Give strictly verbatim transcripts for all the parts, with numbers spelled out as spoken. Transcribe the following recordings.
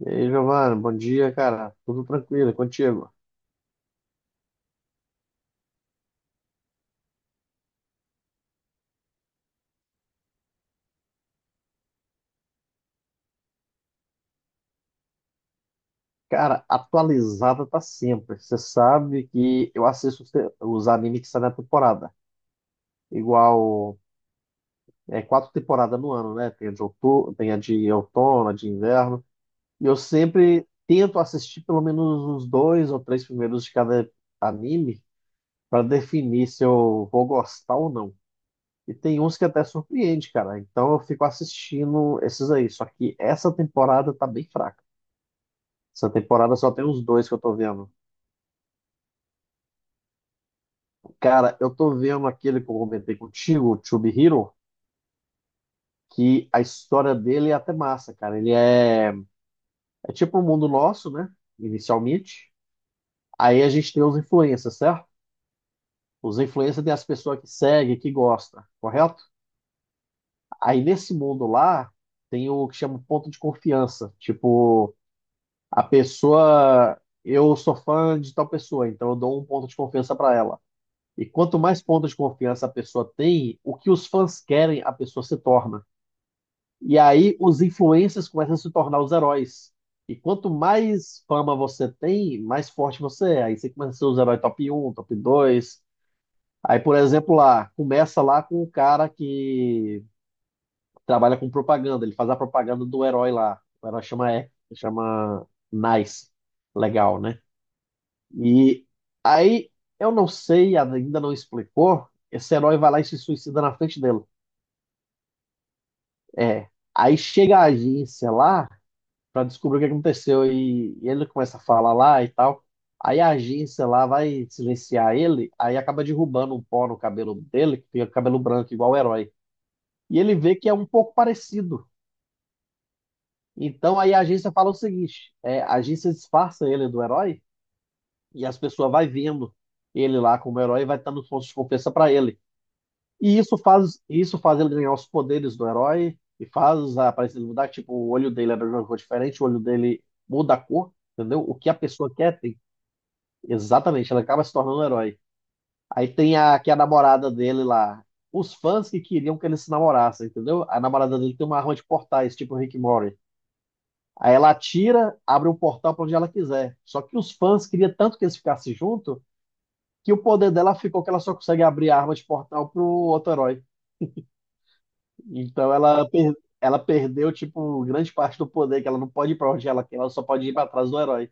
E aí, Giovanni, bom dia, cara. Tudo tranquilo, é contigo? Cara, atualizada tá sempre. Você sabe que eu assisto os, te- os animes que saem na temporada. Igual, é quatro temporadas no ano, né? Tem a de outono, tem a de outono, a de inverno. E eu sempre tento assistir pelo menos uns dois ou três primeiros de cada anime para definir se eu vou gostar ou não. E tem uns que até surpreende, cara. Então eu fico assistindo esses aí. Só que essa temporada tá bem fraca. Essa temporada só tem os dois que eu tô vendo. Cara, eu tô vendo aquele que eu comentei contigo, o Tube, que a história dele é até massa, cara. Ele é, é tipo o mundo nosso, né? Inicialmente. Aí a gente tem os influencers, certo? Os influencers tem as pessoas que seguem, que gostam, correto? Aí nesse mundo lá, tem o que chama ponto de confiança. Tipo, a pessoa. Eu sou fã de tal pessoa, então eu dou um ponto de confiança pra ela. E quanto mais pontos de confiança a pessoa tem, o que os fãs querem, a pessoa se torna. E aí os influencers começam a se tornar os heróis. E quanto mais fama você tem, mais forte você é. Aí você começa a ser os heróis top um, top dois. Aí, por exemplo, lá, começa lá com o cara que trabalha com propaganda. Ele faz a propaganda do herói lá. O herói chama, é, chama Nice. Legal, né? E aí, eu não sei, ainda não explicou. Esse herói vai lá e se suicida na frente dele. É. Aí chega a agência lá pra descobrir o que aconteceu e, e ele começa a falar lá e tal. Aí a agência lá vai silenciar ele, aí acaba derrubando um pó no cabelo dele, que fica cabelo branco, igual o herói. E ele vê que é um pouco parecido. Então aí a agência fala o seguinte: é, a agência disfarça ele do herói e as pessoas vai vendo ele lá como herói e vai dando pontos de confiança pra ele. E isso faz, isso faz ele ganhar os poderes do herói e faz a aparência dele mudar. Tipo, o olho dele era de uma cor diferente, o olho dele muda a cor, entendeu? O que a pessoa quer tem. Exatamente, ela acaba se tornando um herói. Aí tem a, que é a namorada dele lá. Os fãs que queriam que ele se namorasse, entendeu? A namorada dele tem uma arma de portais, tipo o Rick Mori. Aí ela atira, abre um portal pra onde ela quiser. Só que os fãs queriam tanto que eles ficassem junto que o poder dela ficou que ela só consegue abrir a arma de portal pro outro herói. Então ela, per- ela perdeu, tipo, grande parte do poder, que ela não pode ir pra onde ela quer, ela só pode ir pra trás do herói.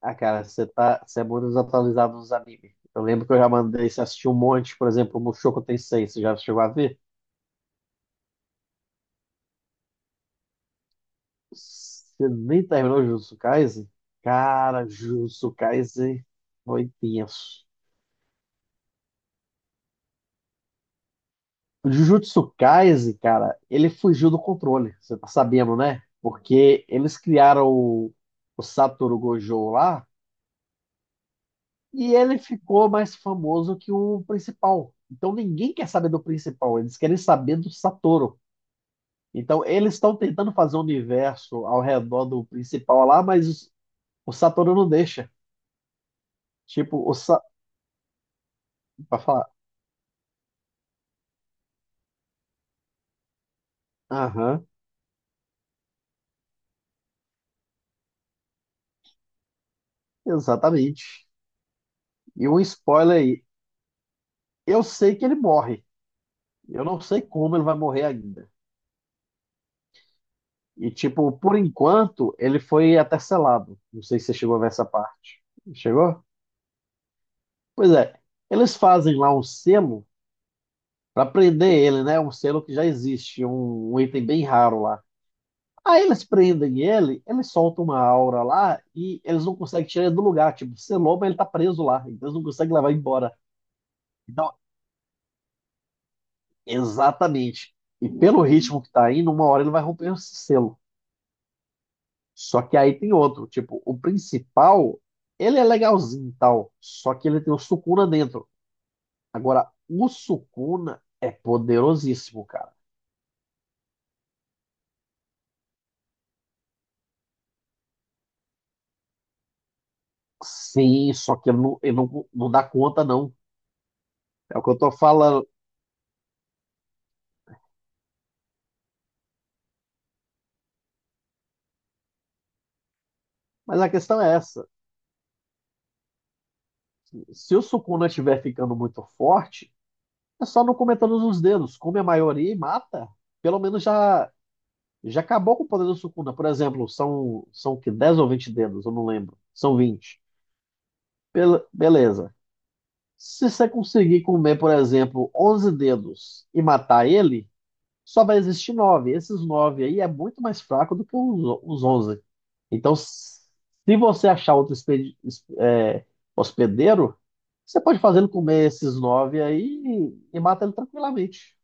Ah, cara, você tá, você é muito desatualizado nos animes. Eu lembro que eu já mandei você assistir um monte, por exemplo, o Mushoku Tensei, você já chegou a ver? Você nem terminou Jujutsu Kaisen? Cara, Jujutsu Kaisen foi tenso. O Jujutsu Kaisen, cara, ele fugiu do controle, você tá sabendo, né? Porque eles criaram o, o Satoru Gojo lá. E ele ficou mais famoso que o principal. Então ninguém quer saber do principal, eles querem saber do Satoru. Então eles estão tentando fazer um universo ao redor do principal lá, mas os- o Satoru não deixa. Tipo, o Sa... pra falar, aham, exatamente. E um spoiler aí, eu sei que ele morre. Eu não sei como ele vai morrer ainda. E tipo, por enquanto, ele foi até selado. Não sei se você chegou a ver essa parte. Chegou? Pois é. Eles fazem lá um selo pra prender ele, né? Um selo que já existe, um, um item bem raro lá. Aí eles prendem ele, ele solta uma aura lá e eles não conseguem tirar ele do lugar. Tipo, selou, mas ele tá preso lá. Então eles não conseguem levar embora. Então, exatamente. E pelo ritmo que tá indo, uma hora ele vai romper esse selo. Só que aí tem outro. Tipo, o principal, ele é legalzinho e tal. Só que ele tem o Sukuna dentro. Agora, o Sukuna é poderosíssimo, cara. Sim, só que ele não, ele não, não dá conta, não. É o que eu tô falando. Mas a questão é essa. Se o Sukuna estiver ficando muito forte, é só não comer todos os dedos. Come a maioria e mata. Pelo menos já, já acabou com o poder do Sukuna. Por exemplo, são, são que dez ou vinte dedos, eu não lembro. São vinte. Bele- beleza. Se você conseguir comer, por exemplo, onze dedos e matar ele, só vai existir nove. Esses nove aí é muito mais fraco do que os, os onze. Então, s- se você achar outro expedi- es- é, hospedeiro, você pode fazê-lo comer esses nove aí e, e mata ele tranquilamente.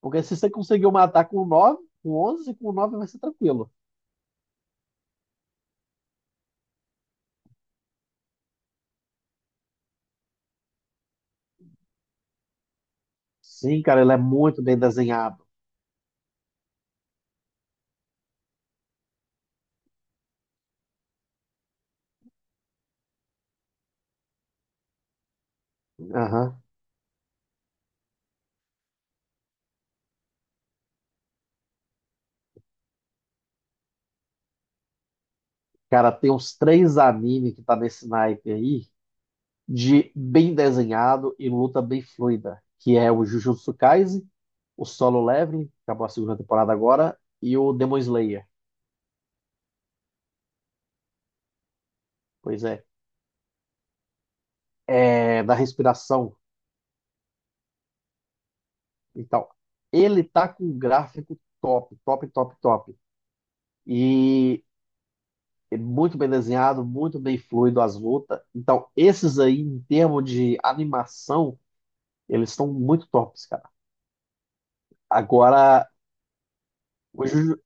Porque se você conseguiu matar com nove, com onze, com nove vai ser tranquilo. Sim, cara, ele é muito bem desenhado. Aham. Cara, tem uns três animes que tá nesse naipe aí, de bem desenhado e luta bem fluida, que é o Jujutsu Kaisen, o Solo Leveling, que acabou a segunda temporada agora, e o Demon Slayer. Pois é, é da respiração. Então, ele tá com um gráfico top, top, top, top. E é muito bem desenhado, muito bem fluido as lutas. Então, esses aí, em termos de animação, eles estão muito tops, cara. Agora, o Jujutsu,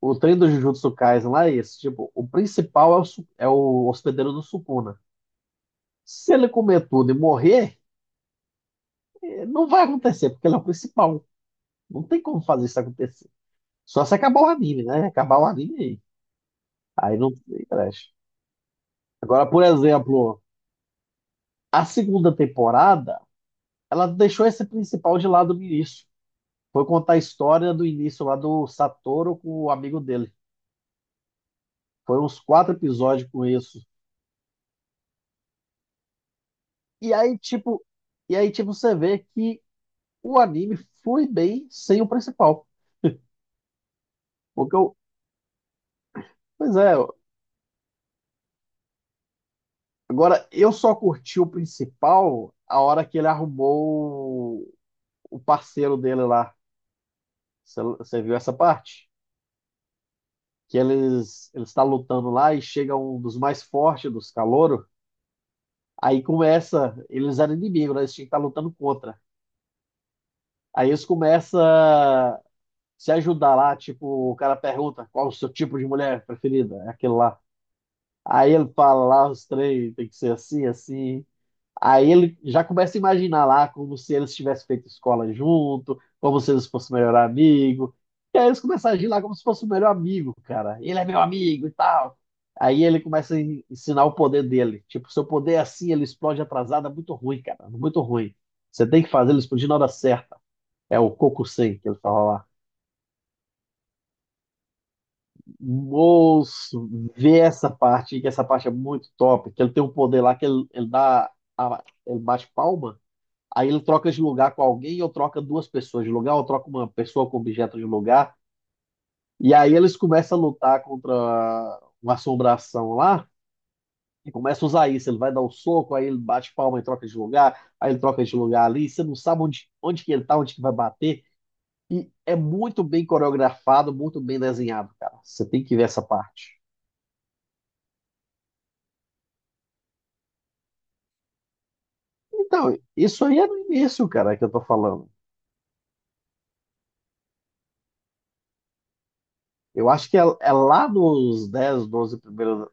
O, o treino do Jujutsu Kaisen lá é esse. Tipo, o principal é o, su- é o hospedeiro do Sukuna. Se ele comer tudo e morrer, eh, não vai acontecer, porque ele é o principal. Não tem como fazer isso acontecer. Só se acabar o anime, né? Acabar o anime aí. Aí não tem creche. Agora, por exemplo, a segunda temporada, ela deixou esse principal de lado no início. Foi contar a história do início lá do Satoru com o amigo dele. Foram uns quatro episódios com isso. E aí, tipo, e aí, tipo, você vê que o anime flui bem sem o principal. Porque eu, pois é, agora eu só curti o principal a hora que ele arrumou o parceiro dele lá. Você viu essa parte? Que eles ele está lutando lá e chega um dos mais fortes dos caloros. Aí começa, eles eram inimigos, né? Eles tinham que estar lutando contra. Aí eles começam a se ajudar lá, tipo, o cara pergunta qual o seu tipo de mulher preferida, é aquele lá. Aí ele fala lá: "Ah, os três, tem que ser assim, assim." Aí ele já começa a imaginar lá como se eles tivessem feito escola junto, como se eles fossem o melhor amigo. E aí eles começam a agir lá como se fosse o melhor amigo, cara. Ele é meu amigo e tal. Aí ele começa a en- ensinar o poder dele. Tipo, seu poder é assim, ele explode atrasado, é muito ruim, cara. Muito ruim. Você tem que fazer ele explodir na hora certa. É o Kokusei que ele fala lá. Moço, vê essa parte, que essa parte é muito top. Que ele tem um poder lá que ele, ele dá. A- ele bate palma, aí ele troca de lugar com alguém, ou troca duas pessoas de lugar, ou troca uma pessoa com objeto de lugar, e aí eles começam a lutar contra uma assombração lá, e começa a usar isso, ele vai dar um soco, aí ele bate palma e troca de lugar, aí ele troca de lugar ali, você não sabe onde, onde que ele tá, onde que vai bater, e é muito bem coreografado, muito bem desenhado, cara. Você tem que ver essa parte. Então, isso aí é no início, cara, que eu tô falando. Eu acho que é, é lá nos dez, doze primeiros,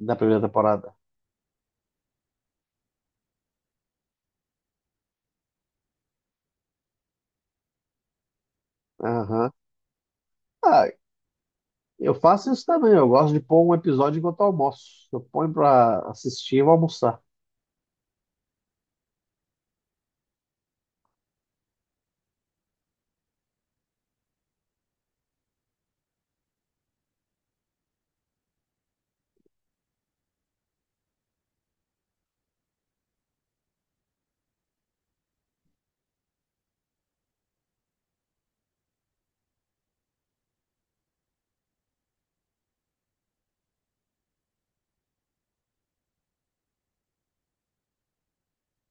da primeira temporada. Aham. Ah, eu faço isso também, eu gosto de pôr um episódio enquanto eu almoço. Eu ponho pra assistir e vou almoçar.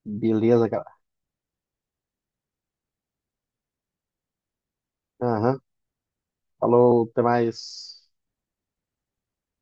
Beleza, cara. Aham. Falou, até mais.